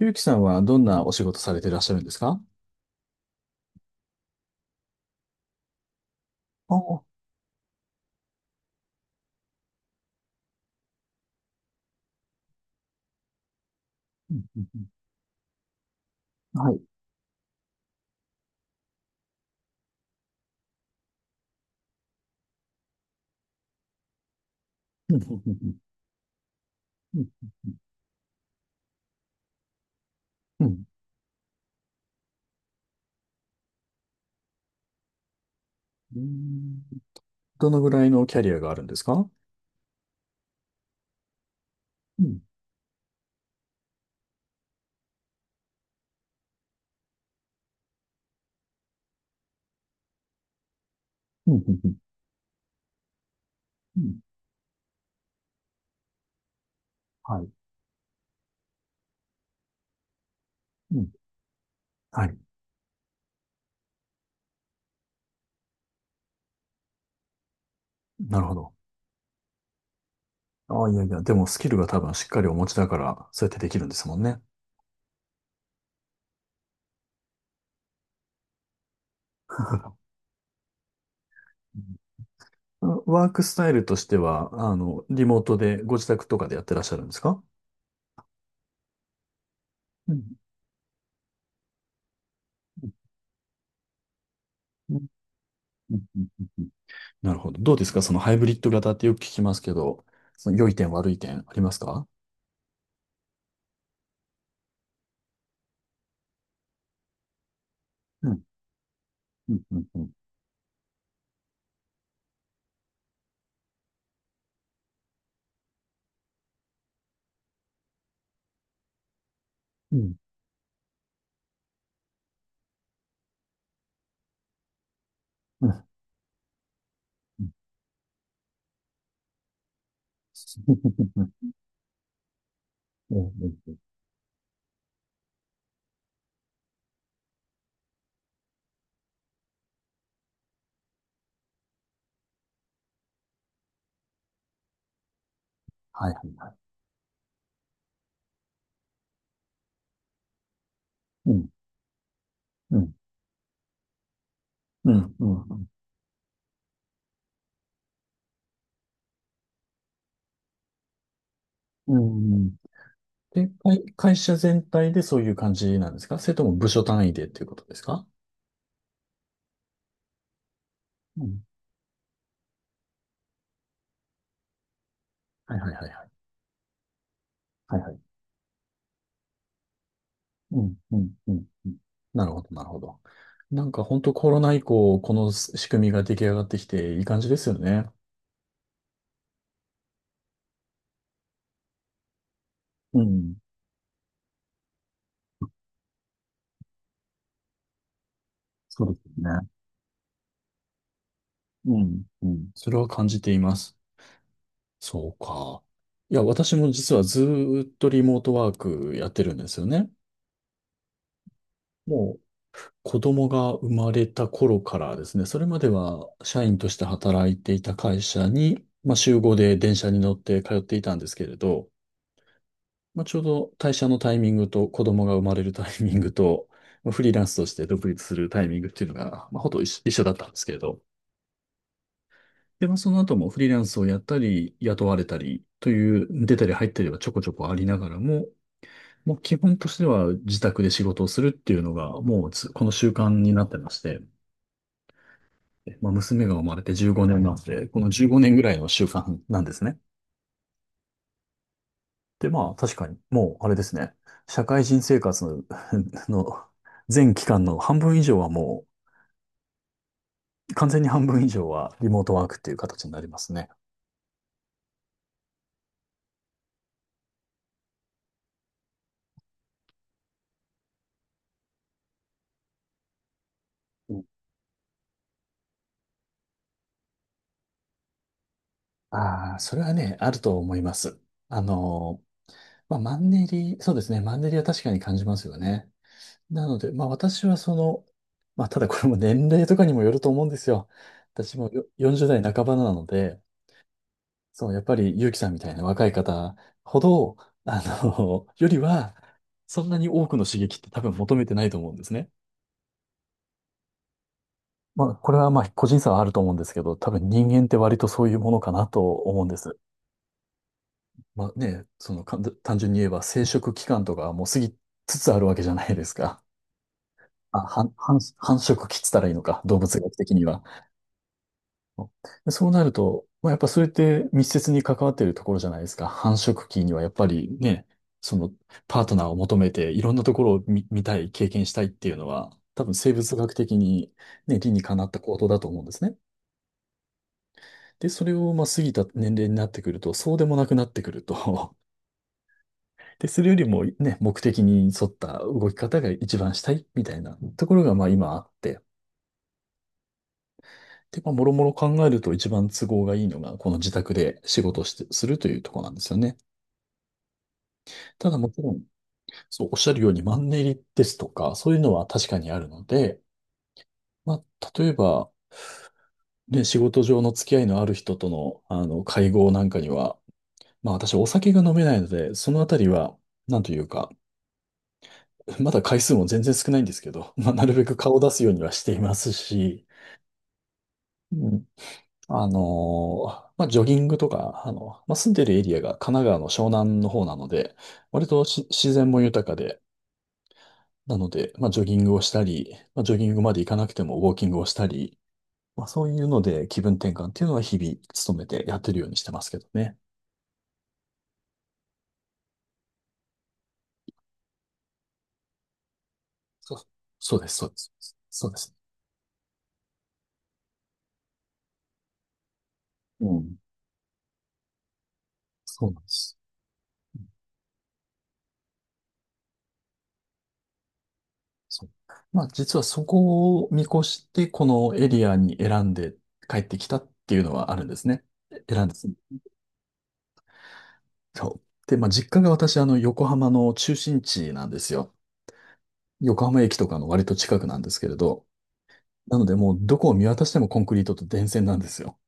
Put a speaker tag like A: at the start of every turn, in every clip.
A: ゆうきさんはどんなお仕事されていらっしゃるんですか？ああ、うんうんうん。はい。うんうんうん。うん。うんうん。どのぐらいのキャリアがあるんですか？うんうんうん。うん。うん。はい。うん。はい。なるほど。ああ、いやいや、でもスキルが多分しっかりお持ちだから、そうやってできるんですもんね。うん。ワークスタイルとしては、リモートでご自宅とかでやってらっしゃるんですか？うん。うん。うん。うん。なるほど。どうですかそのハイブリッド型ってよく聞きますけど、その良い点悪い点ありますか？うん、うん、うん、うん。うん、うん、うん。うん、うん。はい、はい。うん、うん、うん、うん。うんうん。で、会、会社全体でそういう感じなんですか、それとも部署単位でっていうことですか？うん。はい、はい、はい、はい。はい、はい。うん、うん、うん。うん。なるほど、なるほど。なんか本当コロナ以降、この仕組みが出来上がってきていい感じですよね。うん。そうですね。うん、うん。それは感じています。そうか。いや、私も実はずーっとリモートワークやってるんですよね。もう子供が生まれた頃からですね、それまでは社員として働いていた会社に、まあ、週5で電車に乗って通っていたんですけれど、まあ、ちょうど退社のタイミングと子供が生まれるタイミングと、まあフリーランスとして独立するタイミングっていうのが、まあ、ほとんど一緒だったんですけれど、で、まあ、その後もフリーランスをやったり、雇われたりという、出たり入ったりはちょこちょこありながらも、もう基本としては自宅で仕事をするっていうのが、もうつこの習慣になってまして、まあ、娘が生まれて15年なんで、この15年ぐらいの習慣なんですね。で、まあ、確かに、もう、あれですね、社会人生活の、の全期間の半分以上はもう、完全に半分以上はリモートワークっていう形になりますね。ああ、それはね、あると思います。あの、まあ、マンネリ、そうですね。マンネリは確かに感じますよね。なので、まあ私はその、まあただこれも年齢とかにもよると思うんですよ。私もよ40代半ばなので、そう、やっぱり結城さんみたいな若い方ほど、よりは、そんなに多くの刺激って多分求めてないと思うんですね。まあこれはまあ個人差はあると思うんですけど、多分人間って割とそういうものかなと思うんです。まあね、そのかん単純に言えば生殖期間とかはもう過ぎつつあるわけじゃないですか。あ、繁、繁殖期っつったらいいのか、動物学的には。でそうなると、まあ、やっぱそれって密接に関わっているところじゃないですか。繁殖期にはやっぱりね、そのパートナーを求めていろんなところを見、見たい、経験したいっていうのは、多分生物学的にね、理にかなった行動だと思うんですね。で、それをまあ過ぎた年齢になってくると、そうでもなくなってくると。 で、それよりもね、目的に沿った動き方が一番したいみたいなところがまあ今あって、で、まあ、もろもろ考えると一番都合がいいのが、この自宅で仕事をして、するというところなんですよね。ただもちろん、そう、おっしゃるようにマンネリですとか、そういうのは確かにあるので、まあ、例えば、ね、仕事上の付き合いのある人との、会合なんかには、まあ、私お酒が飲めないので、そのあたりは、なんというか、まだ回数も全然少ないんですけど、まあ、なるべく顔を出すようにはしていますし、うん、まあ、ジョギングとか、まあ、住んでるエリアが神奈川の湘南の方なので、割とし自然も豊かで、なので、まあ、ジョギングをしたり、まあ、ジョギングまで行かなくてもウォーキングをしたり、まあ、そういうので気分転換っていうのは日々努めてやってるようにしてますけどね。そう、そうです、そうです。そうです。うん。そうなんです。そう。まあ、実はそこを見越して、このエリアに選んで帰ってきたっていうのはあるんですね。選んで、そう。で、まあ、実家が私、横浜の中心地なんですよ。横浜駅とかの割と近くなんですけれど。なので、もうどこを見渡してもコンクリートと電線なんですよ。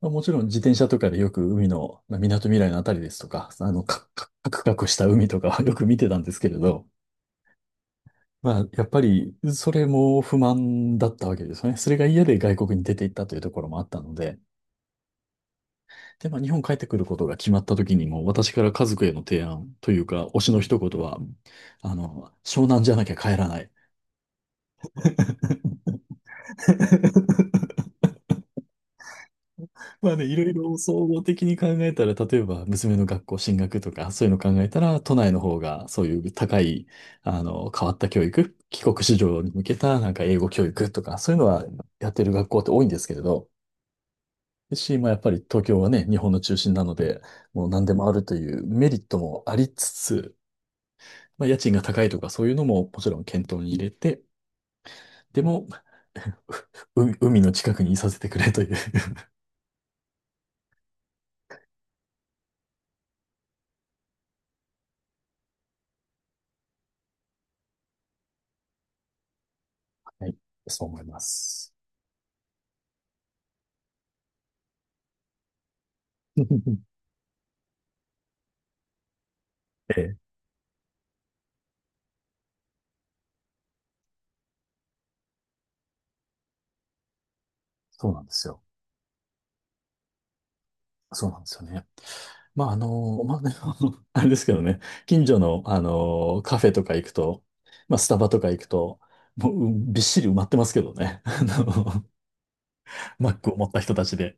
A: まあ、もちろん自転車とかでよく海の、まあ、港未来のあたりですとか、カクカクカクした海とかはよく見てたんですけれど、まあ、やっぱり、それも不満だったわけですよね。それが嫌で外国に出て行ったというところもあったので、で、まあ、日本帰ってくることが決まった時にも、私から家族への提案というか、推しの一言は、湘南じゃなきゃ帰らない。まあね、いろいろ総合的に考えたら、例えば娘の学校進学とか、そういうの考えたら、都内の方がそういう高い、変わった教育、帰国子女に向けたなんか英語教育とか、そういうのはやってる学校って多いんですけれど、し、まあやっぱり東京はね、日本の中心なので、もう何でもあるというメリットもありつつ、まあ、家賃が高いとかそういうのももちろん検討に入れて、でも、う海の近くにいさせてくれという。はい。そう思います。ええ、そうなんですよ。そうなんですよね。まあ、まあね、あの あれですけどね、近所の、カフェとか行くと、まあ、スタバとか行くと、もう、うんびっしり埋まってますけどね。あの、マックを持った人たちで。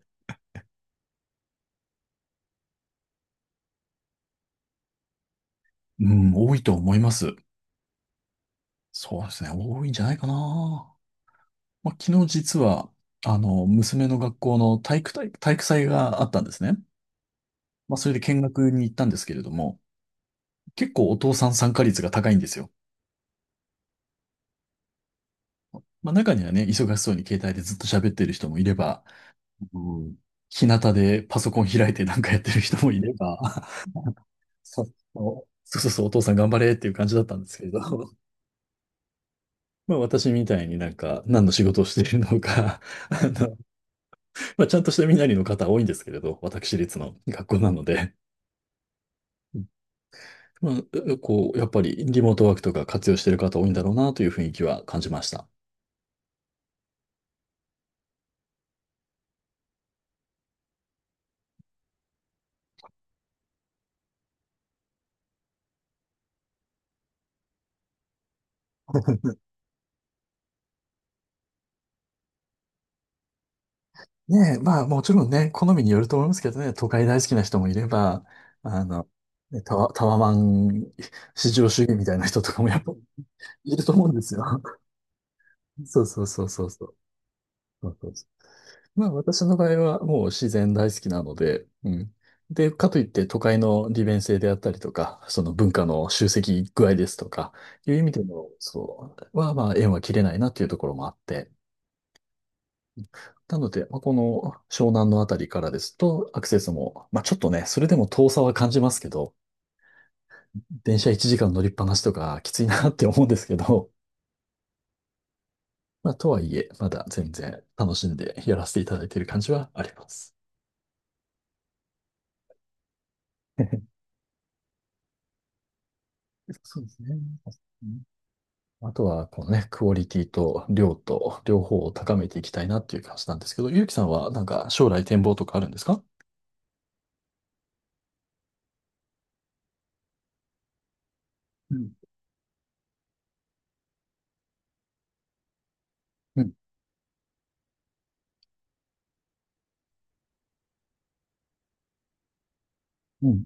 A: うん、多いと思います。そうですね、多いんじゃないかな。まあ、昨日実は、娘の学校の体育大、体育祭があったんですね。まあ、それで見学に行ったんですけれども、結構お父さん参加率が高いんですよ。まあ、中にはね、忙しそうに携帯でずっと喋ってる人もいれば、うん、日向でパソコン開いてなんかやってる人もいれば、そうそうそうそう、お父さん頑張れっていう感じだったんですけれど、まあ、私みたいになんか何の仕事をしているのか、あの、まあ、ちゃんとした身なりの方多いんですけれど、私立の学校なので。まあ、うこう、やっぱりリモートワークとか活用してる方多いんだろうなという雰囲気は感じました。ねえ、まあもちろんね、好みによると思いますけどね、都会大好きな人もいれば、あの、ねタワ、タワマン至上主義みたいな人とかもやっぱいると思うんですよ。そうそうそうそうそう。そうそう、まあ私の場合はもう自然大好きなので、うん。で、かといって都会の利便性であったりとか、その文化の集積具合ですとか、いう意味での、そう、はまあ縁は切れないなっていうところもあって、なので、まあ、この湘南のあたりからですと、アクセスも、まあちょっとね、それでも遠さは感じますけど、電車1時間乗りっぱなしとかきついなって思うんですけど、まあとはいえ、まだ全然楽しんでやらせていただいている感じはあります。そうですね。あとは、このね、クオリティと量と両方を高めていきたいなっていう感じなんですけど、ゆうきさんはなんか将来展望とかあるんですか？うん、うん、うん。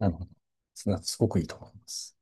A: なるほど。すなすごくいいと思います。